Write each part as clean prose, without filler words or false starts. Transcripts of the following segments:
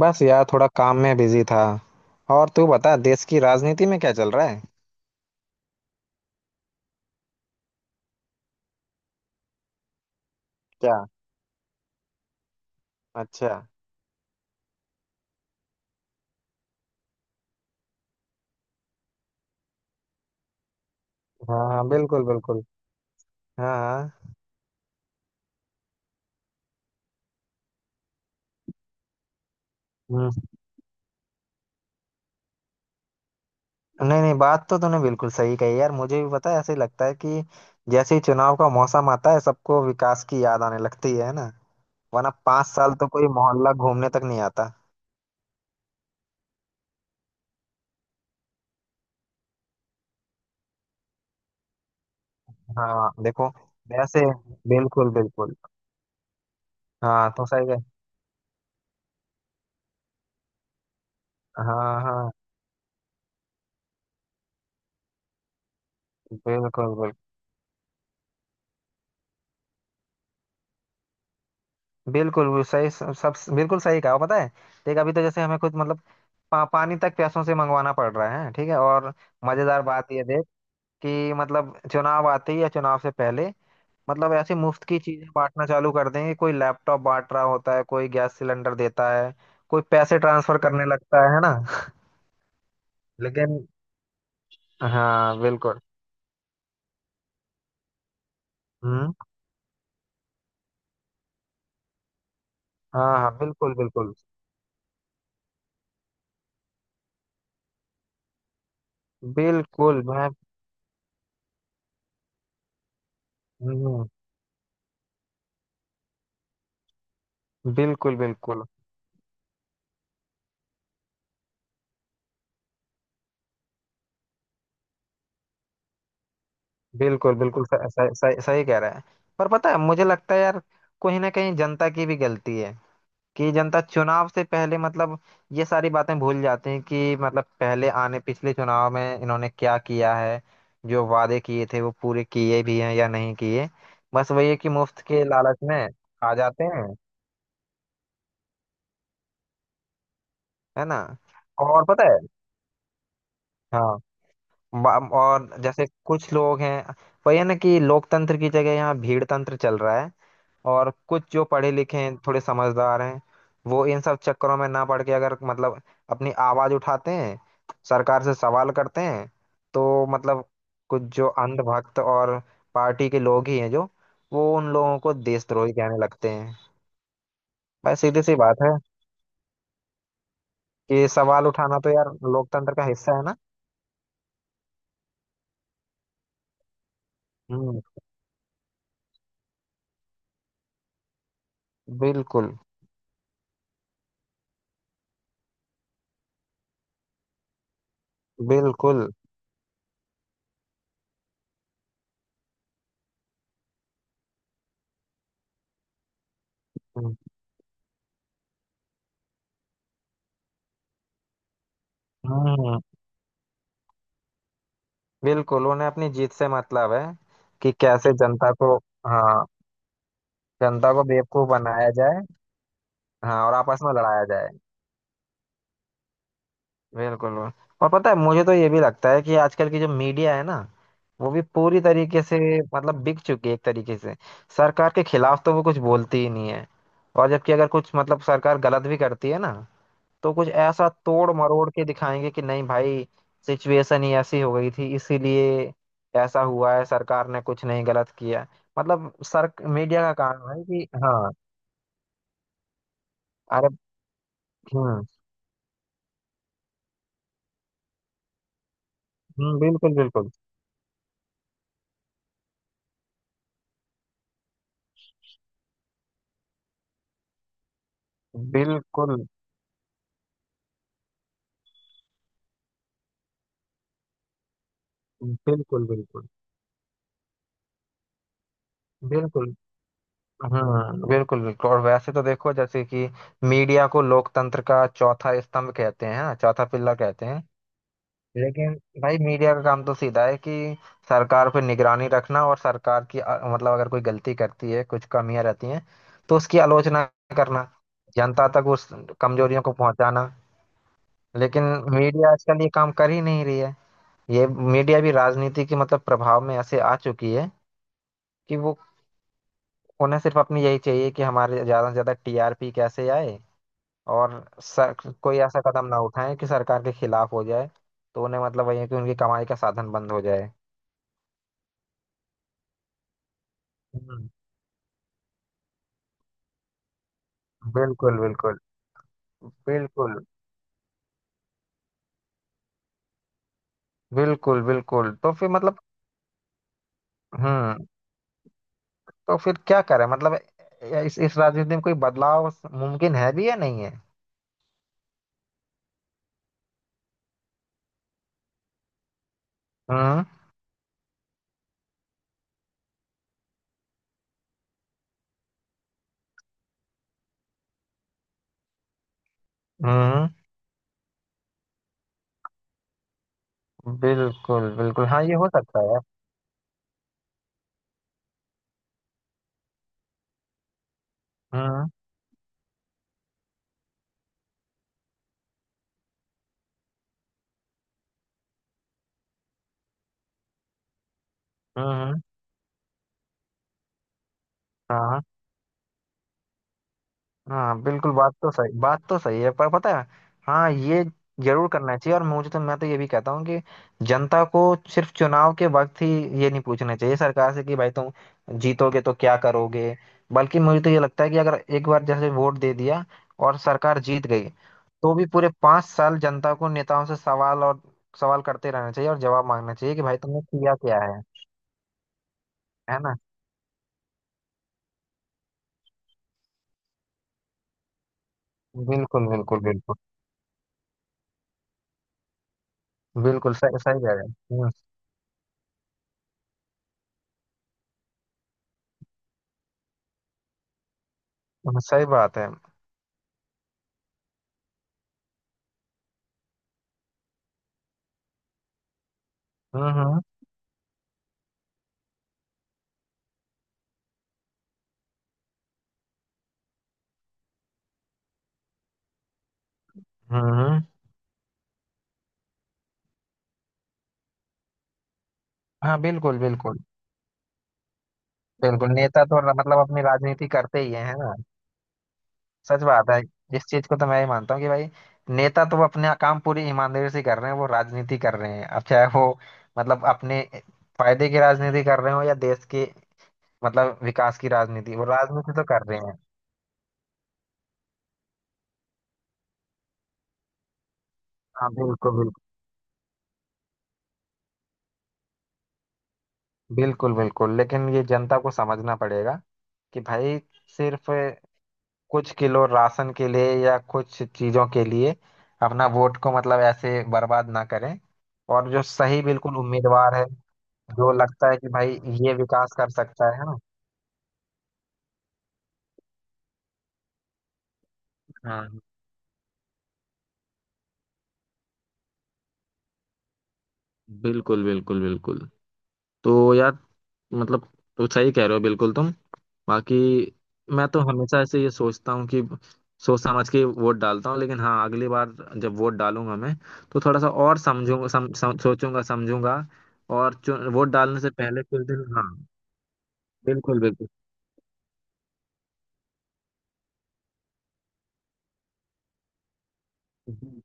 बस यार थोड़ा काम में बिजी था। और तू बता देश की राजनीति में क्या चल रहा है। क्या। अच्छा। हाँ हाँ बिल्कुल बिल्कुल। हाँ हाँ। हम्म। नहीं नहीं बात तो तूने बिल्कुल सही कही यार मुझे भी पता है ऐसे ही लगता है कि जैसे ही चुनाव का मौसम आता है सबको विकास की याद आने लगती है ना। वरना 5 साल तो कोई मोहल्ला घूमने तक नहीं आता। हाँ देखो। वैसे बिल्कुल बिल्कुल। हाँ तो सही है। हाँ हाँ बिल्कुल बिल्कुल। बिल्कुल वो सही सब बिल्कुल सही कहा पता है। देख अभी तो जैसे हमें खुद मतलब पानी तक पैसों से मंगवाना पड़ रहा है ठीक है। और मजेदार बात यह देख कि मतलब चुनाव आते ही या चुनाव से पहले मतलब ऐसे मुफ्त की चीजें बांटना चालू कर देंगे। कोई लैपटॉप बांट रहा होता है कोई गैस सिलेंडर देता है कोई पैसे ट्रांसफर करने लगता है ना। लेकिन। हाँ बिल्कुल। हम्म। हाँ हाँ बिल्कुल बिल्कुल। बिल्कुल मैं। हम्म, बिल्कुल बिल्कुल। बिल्कुल। बिल्कुल सही सही सही कह रहा है। पर पता है मुझे लगता है यार कहीं ना कहीं जनता की भी गलती है कि जनता चुनाव से पहले मतलब ये सारी बातें भूल जाते हैं कि मतलब पहले आने पिछले चुनाव में इन्होंने क्या किया है। जो वादे किए थे वो पूरे किए भी हैं या नहीं किए। बस वही है कि मुफ्त के लालच में आ जाते हैं है ना। और पता है। हाँ। और जैसे कुछ लोग हैं वही है ना कि लोकतंत्र की जगह यहाँ भीड़ तंत्र चल रहा है। और कुछ जो पढ़े लिखे हैं थोड़े समझदार हैं वो इन सब चक्करों में ना पड़ के अगर मतलब अपनी आवाज उठाते हैं सरकार से सवाल करते हैं तो मतलब कुछ जो अंधभक्त और पार्टी के लोग ही हैं जो वो उन लोगों को देशद्रोही कहने लगते हैं। भाई सीधी सी बात है कि सवाल उठाना तो यार लोकतंत्र का हिस्सा है ना। हम्म बिल्कुल बिल्कुल। हम्म हम्म, बिल्कुल उन्हें अपनी जीत से मतलब है कि कैसे जनता को। हाँ जनता को बेवकूफ बनाया जाए। हाँ और आपस में लड़ाया जाए। बिल्कुल। और पता है मुझे तो ये भी लगता है कि आजकल की जो मीडिया है ना वो भी पूरी तरीके से मतलब बिक चुकी है एक तरीके से सरकार के खिलाफ तो वो कुछ बोलती ही नहीं है। और जबकि अगर कुछ मतलब सरकार गलत भी करती है ना तो कुछ ऐसा तोड़ मरोड़ के दिखाएंगे कि नहीं भाई सिचुएशन ही ऐसी हो गई थी इसीलिए ऐसा हुआ है सरकार ने कुछ नहीं गलत किया। मतलब सर मीडिया का काम है कि हाँ। अरे। हम्म बिल्कुल बिल्कुल बिल्कुल बिल्कुल बिल्कुल बिल्कुल। बिल्कुल बिल्कुल और वैसे तो देखो जैसे कि मीडिया को लोकतंत्र का चौथा स्तंभ कहते हैं हाँ, चौथा पिल्ला कहते हैं। लेकिन भाई मीडिया का काम तो सीधा है कि सरकार पे निगरानी रखना और सरकार की मतलब अगर कोई गलती करती है कुछ कमियां रहती हैं तो उसकी आलोचना करना जनता तक उस कमजोरियों को पहुंचाना। लेकिन मीडिया आजकल ये काम कर ही नहीं रही है। ये मीडिया भी राजनीति के मतलब प्रभाव में ऐसे आ चुकी है कि वो उन्हें सिर्फ अपनी यही चाहिए कि हमारे ज्यादा से ज्यादा टीआरपी कैसे आए। और कोई ऐसा कदम ना उठाए कि सरकार के खिलाफ हो जाए तो उन्हें मतलब वही है कि उनकी कमाई का साधन बंद हो जाए। हम्म, बिल्कुल बिल्कुल बिल्कुल बिल्कुल बिल्कुल तो फिर मतलब। हम्म। तो फिर क्या करें मतलब इस राजनीति में कोई बदलाव मुमकिन है भी या नहीं है। हम्म। हम्म बिल्कुल बिल्कुल हाँ ये हो सकता है। हम्म हम्म। हाँ हाँ बिल्कुल बात तो सही है पर पता है। हाँ ये जरूर करना चाहिए और मुझे तो मैं तो ये भी कहता हूँ कि जनता को सिर्फ चुनाव के वक्त ही ये नहीं पूछना चाहिए सरकार से कि भाई तुम जीतोगे तो क्या करोगे। बल्कि मुझे तो ये लगता है कि अगर एक बार जैसे वोट दे दिया और सरकार जीत गई तो भी पूरे 5 साल जनता को नेताओं से सवाल और सवाल करते रहना चाहिए और जवाब मांगना चाहिए कि भाई तुमने किया क्या है ना। बिल्कुल बिल्कुल बिल्कुल बिल्कुल सही सही कह रहे हैं। सही बात है। हम्म हम्म हम्म। हाँ बिल्कुल बिल्कुल बिल्कुल। नेता तो मतलब अपनी राजनीति करते ही हैं है ना। सच बात है। इस चीज को तो मैं ही मानता हूँ कि भाई नेता तो अपना काम पूरी ईमानदारी से कर रहे हैं वो राजनीति कर रहे हैं अब चाहे वो मतलब अपने फायदे की राजनीति कर रहे हो या देश के मतलब विकास की राजनीति वो राजनीति तो कर रहे हैं। हाँ बिल्कुल बिल्कुल बिल्कुल बिल्कुल। लेकिन ये जनता को समझना पड़ेगा कि भाई सिर्फ कुछ किलो राशन के लिए या कुछ चीजों के लिए अपना वोट को मतलब ऐसे बर्बाद ना करें। और जो सही बिल्कुल उम्मीदवार है जो लगता है कि भाई ये विकास कर सकता है ना। हाँ बिल्कुल बिल्कुल बिल्कुल। तो यार मतलब तो सही कह रहे हो बिल्कुल तुम बाकी। मैं तो हमेशा ऐसे ये सोचता हूँ कि सोच समझ के वोट डालता हूँ लेकिन हाँ अगली बार जब वोट डालूंगा मैं तो थोड़ा सा और समझूंगा सम, सम, सोचूंगा समझूंगा। और वोट डालने से पहले कुछ दिन हाँ बिल्कुल बिल्कुल। हम्म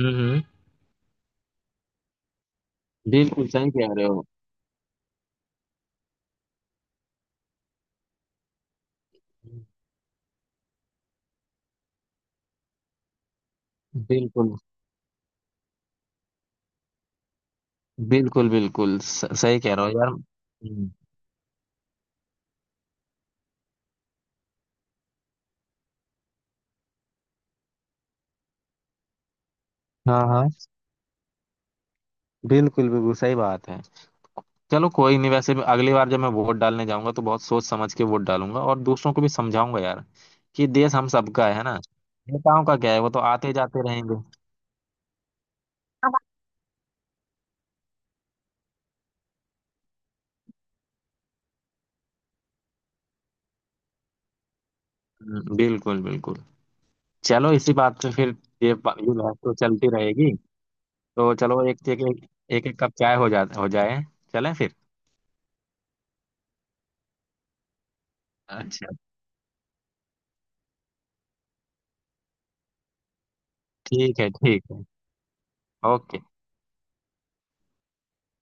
हम्म बिल्कुल सही कह रहे हो बिल्कुल बिल्कुल बिल्कुल सही कह रहे हो यार हाँ हाँ बिल्कुल बिल्कुल सही बात है। चलो कोई नहीं वैसे भी अगली बार जब मैं वोट डालने जाऊंगा तो बहुत सोच समझ के वोट डालूंगा और दूसरों को भी समझाऊंगा यार कि देश हम सबका है ना नेताओं का क्या है वो तो आते जाते रहेंगे। बिल्कुल बिल्कुल। चलो इसी बात पे फिर ये बात तो चलती रहेगी। तो चलो एक एक कप चाय हो जाए। चलें फिर। अच्छा। ठीक है ठीक है। ओके।